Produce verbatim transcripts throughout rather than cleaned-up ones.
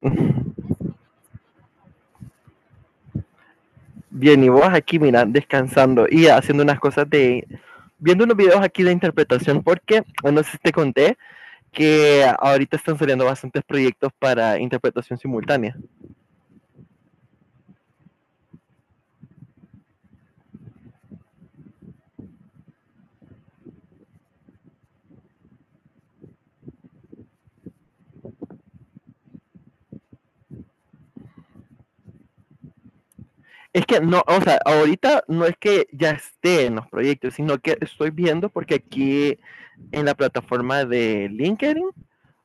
Bien, y vos aquí, mira, descansando y haciendo unas cosas de, viendo unos videos aquí de interpretación, porque bueno, no sé si te conté que ahorita están saliendo bastantes proyectos para interpretación simultánea. Es que no, o sea, ahorita no es que ya esté en los proyectos, sino que estoy viendo porque aquí en la plataforma de LinkedIn,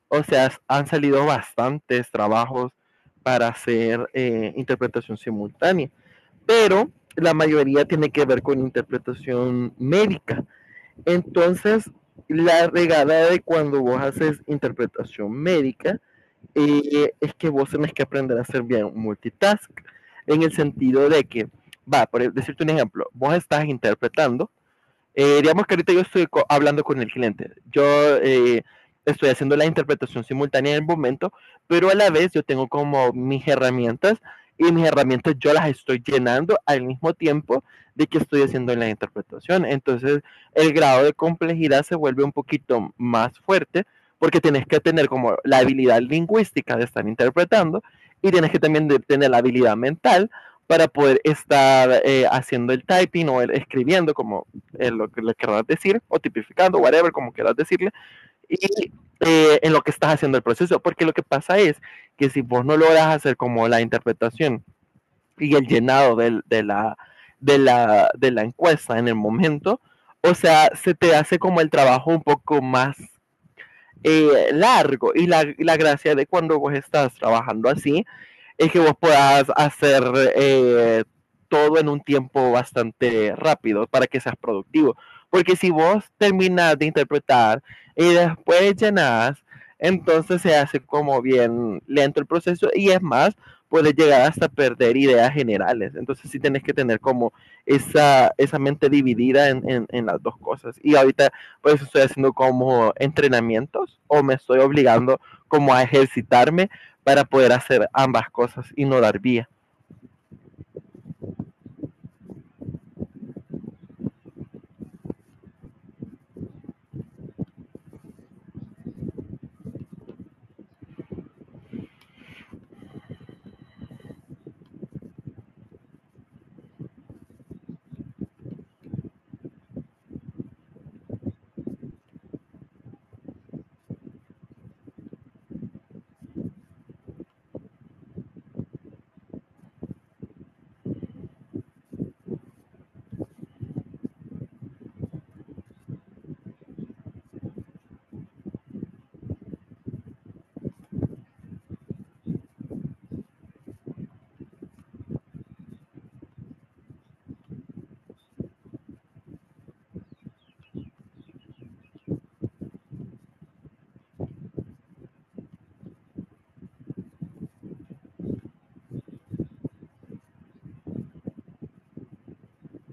o sea, han salido bastantes trabajos para hacer eh, interpretación simultánea. Pero la mayoría tiene que ver con interpretación médica. Entonces, la regada de cuando vos haces interpretación médica eh, es que vos tenés que aprender a hacer bien multitask, en el sentido de que, va, por decirte un ejemplo, vos estás interpretando eh, digamos que ahorita yo estoy co- hablando con el cliente. Yo eh, estoy haciendo la interpretación simultánea en el momento, pero a la vez yo tengo como mis herramientas y mis herramientas yo las estoy llenando al mismo tiempo de que estoy haciendo la interpretación. Entonces el grado de complejidad se vuelve un poquito más fuerte porque tienes que tener como la habilidad lingüística de estar interpretando y tienes que también de- tener la habilidad mental para poder estar eh, haciendo el typing o el escribiendo como en lo que le querrás decir, o tipificando, whatever, como querrás decirle, y eh, en lo que estás haciendo el proceso. Porque lo que pasa es que si vos no logras hacer como la interpretación y el llenado del, de, la, de, la, de la encuesta en el momento, o sea, se te hace como el trabajo un poco más eh, largo. Y la, y la, gracia de cuando vos estás trabajando así es que vos puedas hacer eh, todo en un tiempo bastante rápido para que seas productivo. Porque si vos terminas de interpretar y después llenas, entonces se hace como bien lento el proceso y es más, puedes llegar hasta perder ideas generales. Entonces sí tenés que tener como esa, esa mente dividida en, en, en las dos cosas. Y ahorita por eso estoy haciendo como entrenamientos o me estoy obligando como a ejercitarme para poder hacer ambas cosas y no dar vía.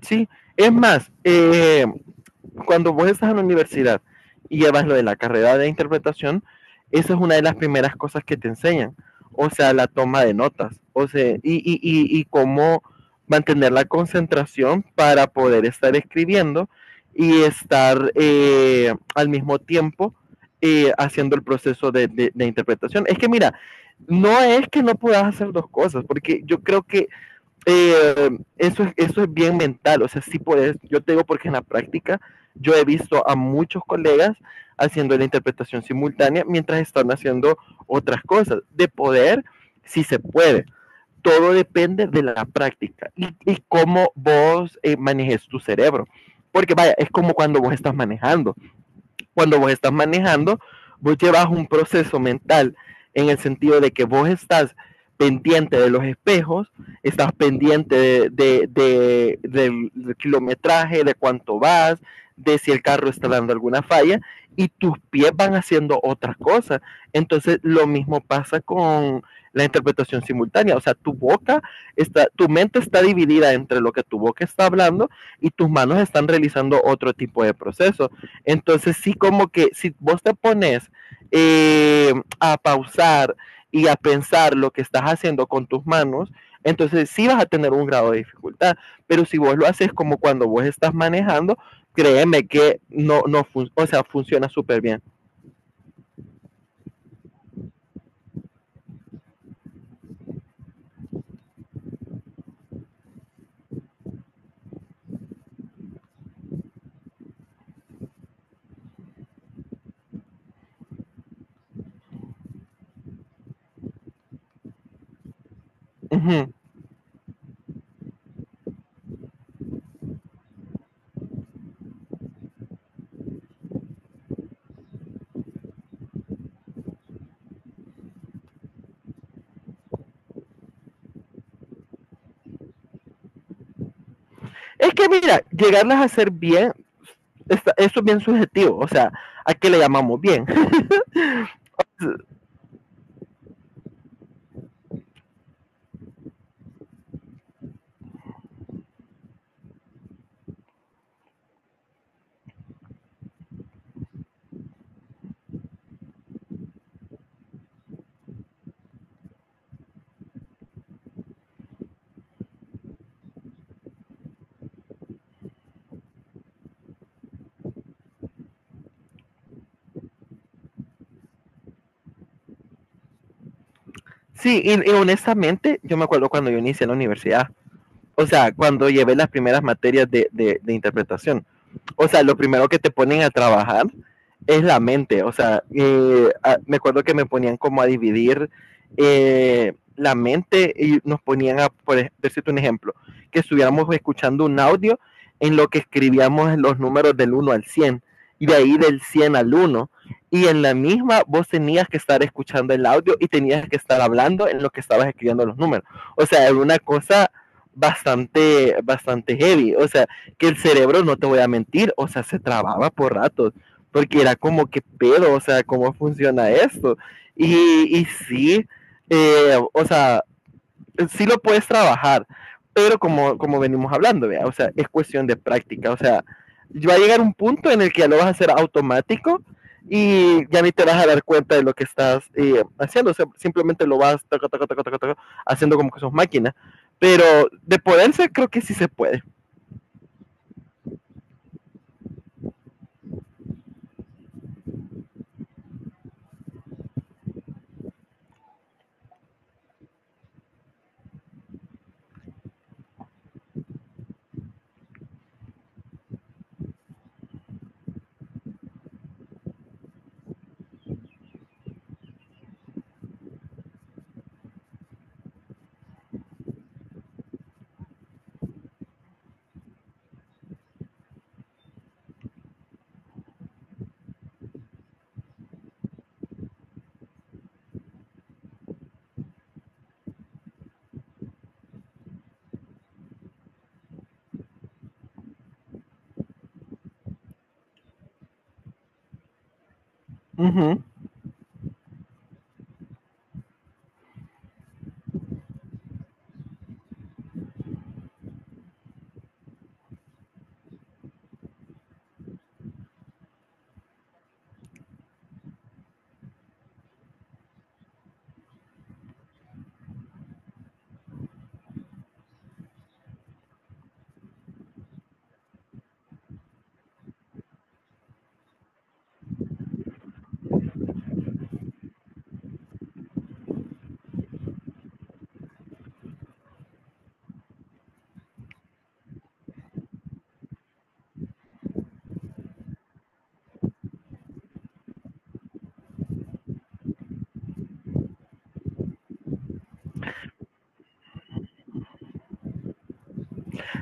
Sí, es más, eh, cuando vos estás en la universidad y llevas lo de la carrera de interpretación, esa es una de las primeras cosas que te enseñan, o sea, la toma de notas, o sea, y, y, y, y cómo mantener la concentración para poder estar escribiendo y estar eh, al mismo tiempo eh, haciendo el proceso de, de, de interpretación. Es que mira, no es que no puedas hacer dos cosas, porque yo creo que eh, eso, es, eso es bien mental, o sea, sí puedes, yo te digo porque en la práctica yo he visto a muchos colegas haciendo la interpretación simultánea mientras están haciendo otras cosas. De poder, sí se puede. Todo depende de la práctica y, y cómo vos eh, manejes tu cerebro. Porque vaya, es como cuando vos estás manejando cuando vos estás manejando, vos llevas un proceso mental en el sentido de que vos estás pendiente de los espejos, estás pendiente de, de, de, del, del kilometraje, de cuánto vas, de si el carro está dando alguna falla y tus pies van haciendo otras cosas. Entonces lo mismo pasa con la interpretación simultánea, o sea, tu boca está, tu mente está dividida entre lo que tu boca está hablando y tus manos están realizando otro tipo de proceso. Entonces sí como que si vos te pones eh, a pausar y a pensar lo que estás haciendo con tus manos, entonces sí vas a tener un grado de dificultad. Pero si vos lo haces como cuando vos estás manejando, créeme que no, no fun- o sea, funciona súper bien. Uh -huh. Es que mira, llegarlas a hacer bien, está, eso es bien subjetivo, o sea, ¿a qué le llamamos bien? Sí, y, y, honestamente, yo me acuerdo cuando yo inicié en la universidad, o sea, cuando llevé las primeras materias de, de, de interpretación, o sea, lo primero que te ponen a trabajar es la mente, o sea, eh, a- me acuerdo que me ponían como a dividir eh, la mente y nos ponían a, por decirte un ejemplo, que estuviéramos escuchando un audio en lo que escribíamos los números del uno al cien y de ahí del cien al uno y en la misma vos tenías que estar escuchando el audio y tenías que estar hablando en lo que estabas escribiendo los números. O sea, era una cosa bastante, bastante heavy. O sea, que el cerebro, no te voy a mentir, o sea, se trababa por ratos, porque era como que pedo, o sea, cómo funciona esto. Y, y sí, eh, o sea, sí lo puedes trabajar, pero como, como venimos hablando, ¿vea? O sea, es cuestión de práctica, o sea, va a llegar un punto en el que ya lo vas a hacer automático y ya ni te vas a dar cuenta de lo que estás eh, haciendo, o sea, simplemente lo vas taca, taca, taca, taca, taca, haciendo como que sos máquina, pero de poderse creo que sí se puede. Uh -huh.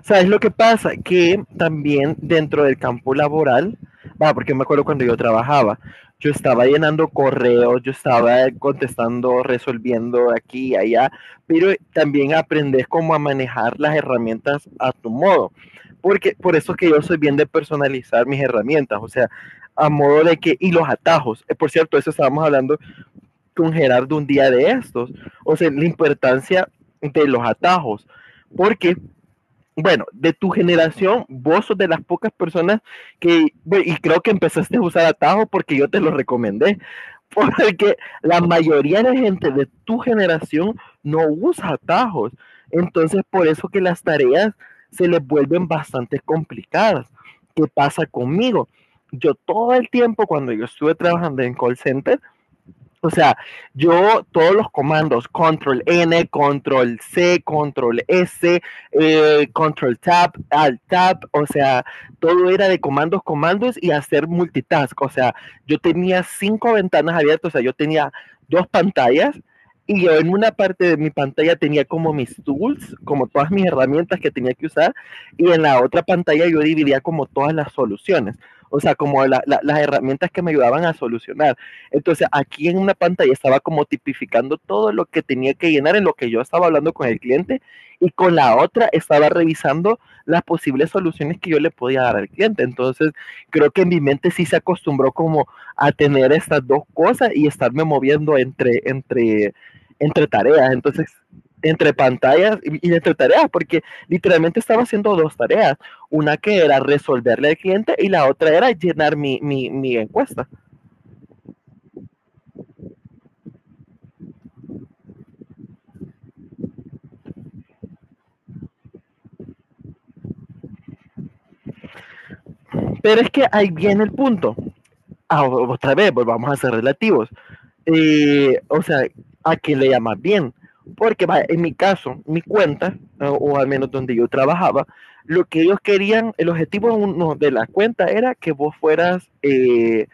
¿Sabes lo que pasa? Que también dentro del campo laboral, va, porque me acuerdo cuando yo trabajaba, yo estaba llenando correos, yo estaba contestando, resolviendo aquí y allá, pero también aprendes cómo a manejar las herramientas a tu modo. Porque por eso es que yo soy bien de personalizar mis herramientas, o sea, a modo de que, y los atajos. Eh, Por cierto, eso estábamos hablando con Gerardo un día de estos, o sea, la importancia de los atajos, porque bueno, de tu generación, vos sos de las pocas personas que, bueno, y creo que empezaste a usar atajo porque yo te lo recomendé, porque la mayoría de gente de tu generación no usa atajos. Entonces, por eso que las tareas se les vuelven bastante complicadas. ¿Qué pasa conmigo? Yo todo el tiempo cuando yo estuve trabajando en call center, o sea, yo todos los comandos, control ene, control ce, control ese, eh, control tab, alt tab, o sea, todo era de comandos, comandos y hacer multitask. O sea, yo tenía cinco ventanas abiertas, o sea, yo tenía dos pantallas y yo en una parte de mi pantalla tenía como mis tools, como todas mis herramientas que tenía que usar, y en la otra pantalla yo dividía como todas las soluciones, o sea, como la, la, las herramientas que me ayudaban a solucionar. Entonces, aquí en una pantalla estaba como tipificando todo lo que tenía que llenar en lo que yo estaba hablando con el cliente y con la otra estaba revisando las posibles soluciones que yo le podía dar al cliente. Entonces, creo que en mi mente sí se acostumbró como a tener estas dos cosas y estarme moviendo entre, entre, entre tareas. Entonces, entre pantallas y y entre tareas, porque literalmente estaba haciendo dos tareas, una que era resolverle al cliente y la otra era llenar mi, mi, mi encuesta. Pero es que ahí viene el punto. Ah, otra vez, volvamos a ser relativos. Eh, o sea, ¿a qué le llamas bien? Porque va, en mi caso, mi cuenta, o, o, al menos donde yo trabajaba, lo que ellos querían, el objetivo uno de la cuenta era que vos fueras eh,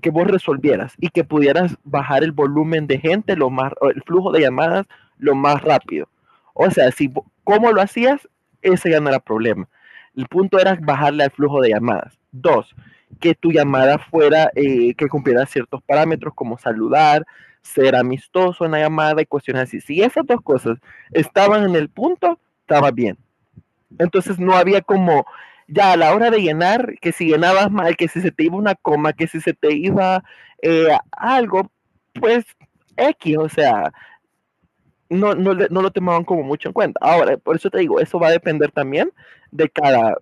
que vos resolvieras y que pudieras bajar el volumen de gente, lo más, el flujo de llamadas lo más rápido. O sea, si cómo lo hacías, ese ya no era problema. El punto era bajarle al flujo de llamadas. Dos, que tu llamada fuera, eh, que cumpliera ciertos parámetros como saludar, ser amistoso en la llamada y cuestiones así. Si esas dos cosas estaban en el punto, estaba bien. Entonces no había como, ya a la hora de llenar, que si llenabas mal, que si se te iba una coma, que si se te iba eh, algo, pues X, o sea, no, no, no, lo tomaban como mucho en cuenta. Ahora, por eso te digo, eso va a depender también de cada,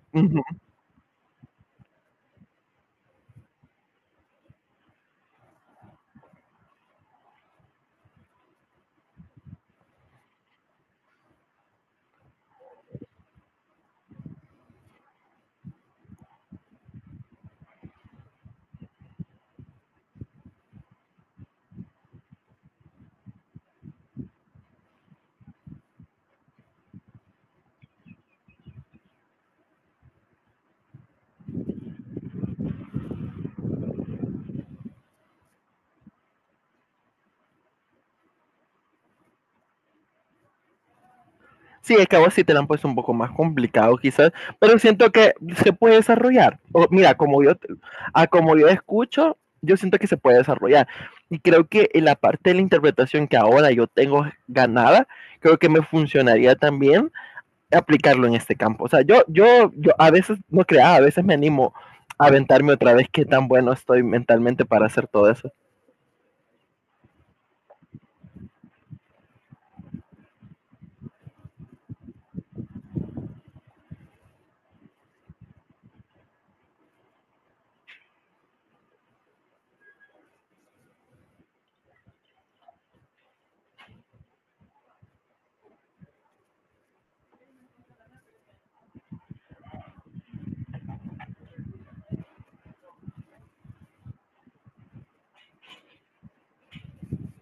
Sí, es que a vos sí te la han puesto un poco más complicado quizás, pero siento que se puede desarrollar. O, mira, como yo, te- a como yo escucho, yo siento que se puede desarrollar. Y creo que en la parte de la interpretación que ahora yo tengo ganada, creo que me funcionaría también aplicarlo en este campo. O sea, yo, yo, yo a veces no crea, a veces me animo a aventarme otra vez qué tan bueno estoy mentalmente para hacer todo eso.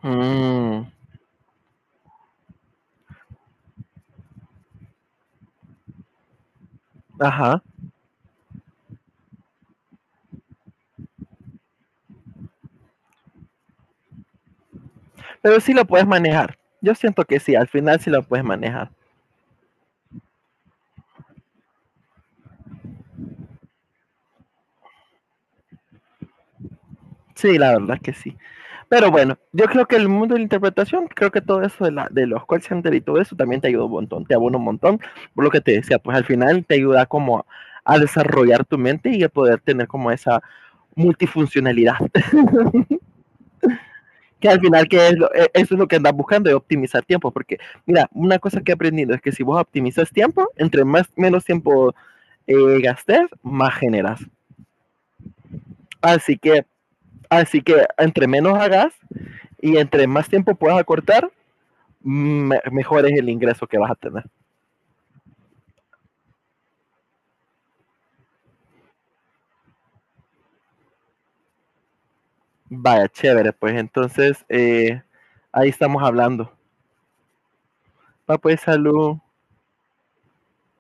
Mm, ajá. Pero sí lo puedes manejar. Yo siento que sí, al final sí lo puedes manejar. Sí, la verdad que sí. Pero bueno, yo creo que el mundo de la interpretación, creo que todo eso de, la, de los call center y todo eso también te ayuda un montón, te abona un montón. Por lo que te decía, pues al final te ayuda como a a desarrollar tu mente y a poder tener como esa multifuncionalidad. Que al final, que es lo, e, eso es lo que andas buscando, es optimizar tiempo. Porque, mira, una cosa que he aprendido es que si vos optimizas tiempo, entre más menos tiempo eh, gastes, más generas. Así que, así que entre menos hagas y entre más tiempo puedas acortar, me mejor es el ingreso que vas a tener. Vaya, chévere, pues entonces eh, ahí estamos hablando. Va, pues salud.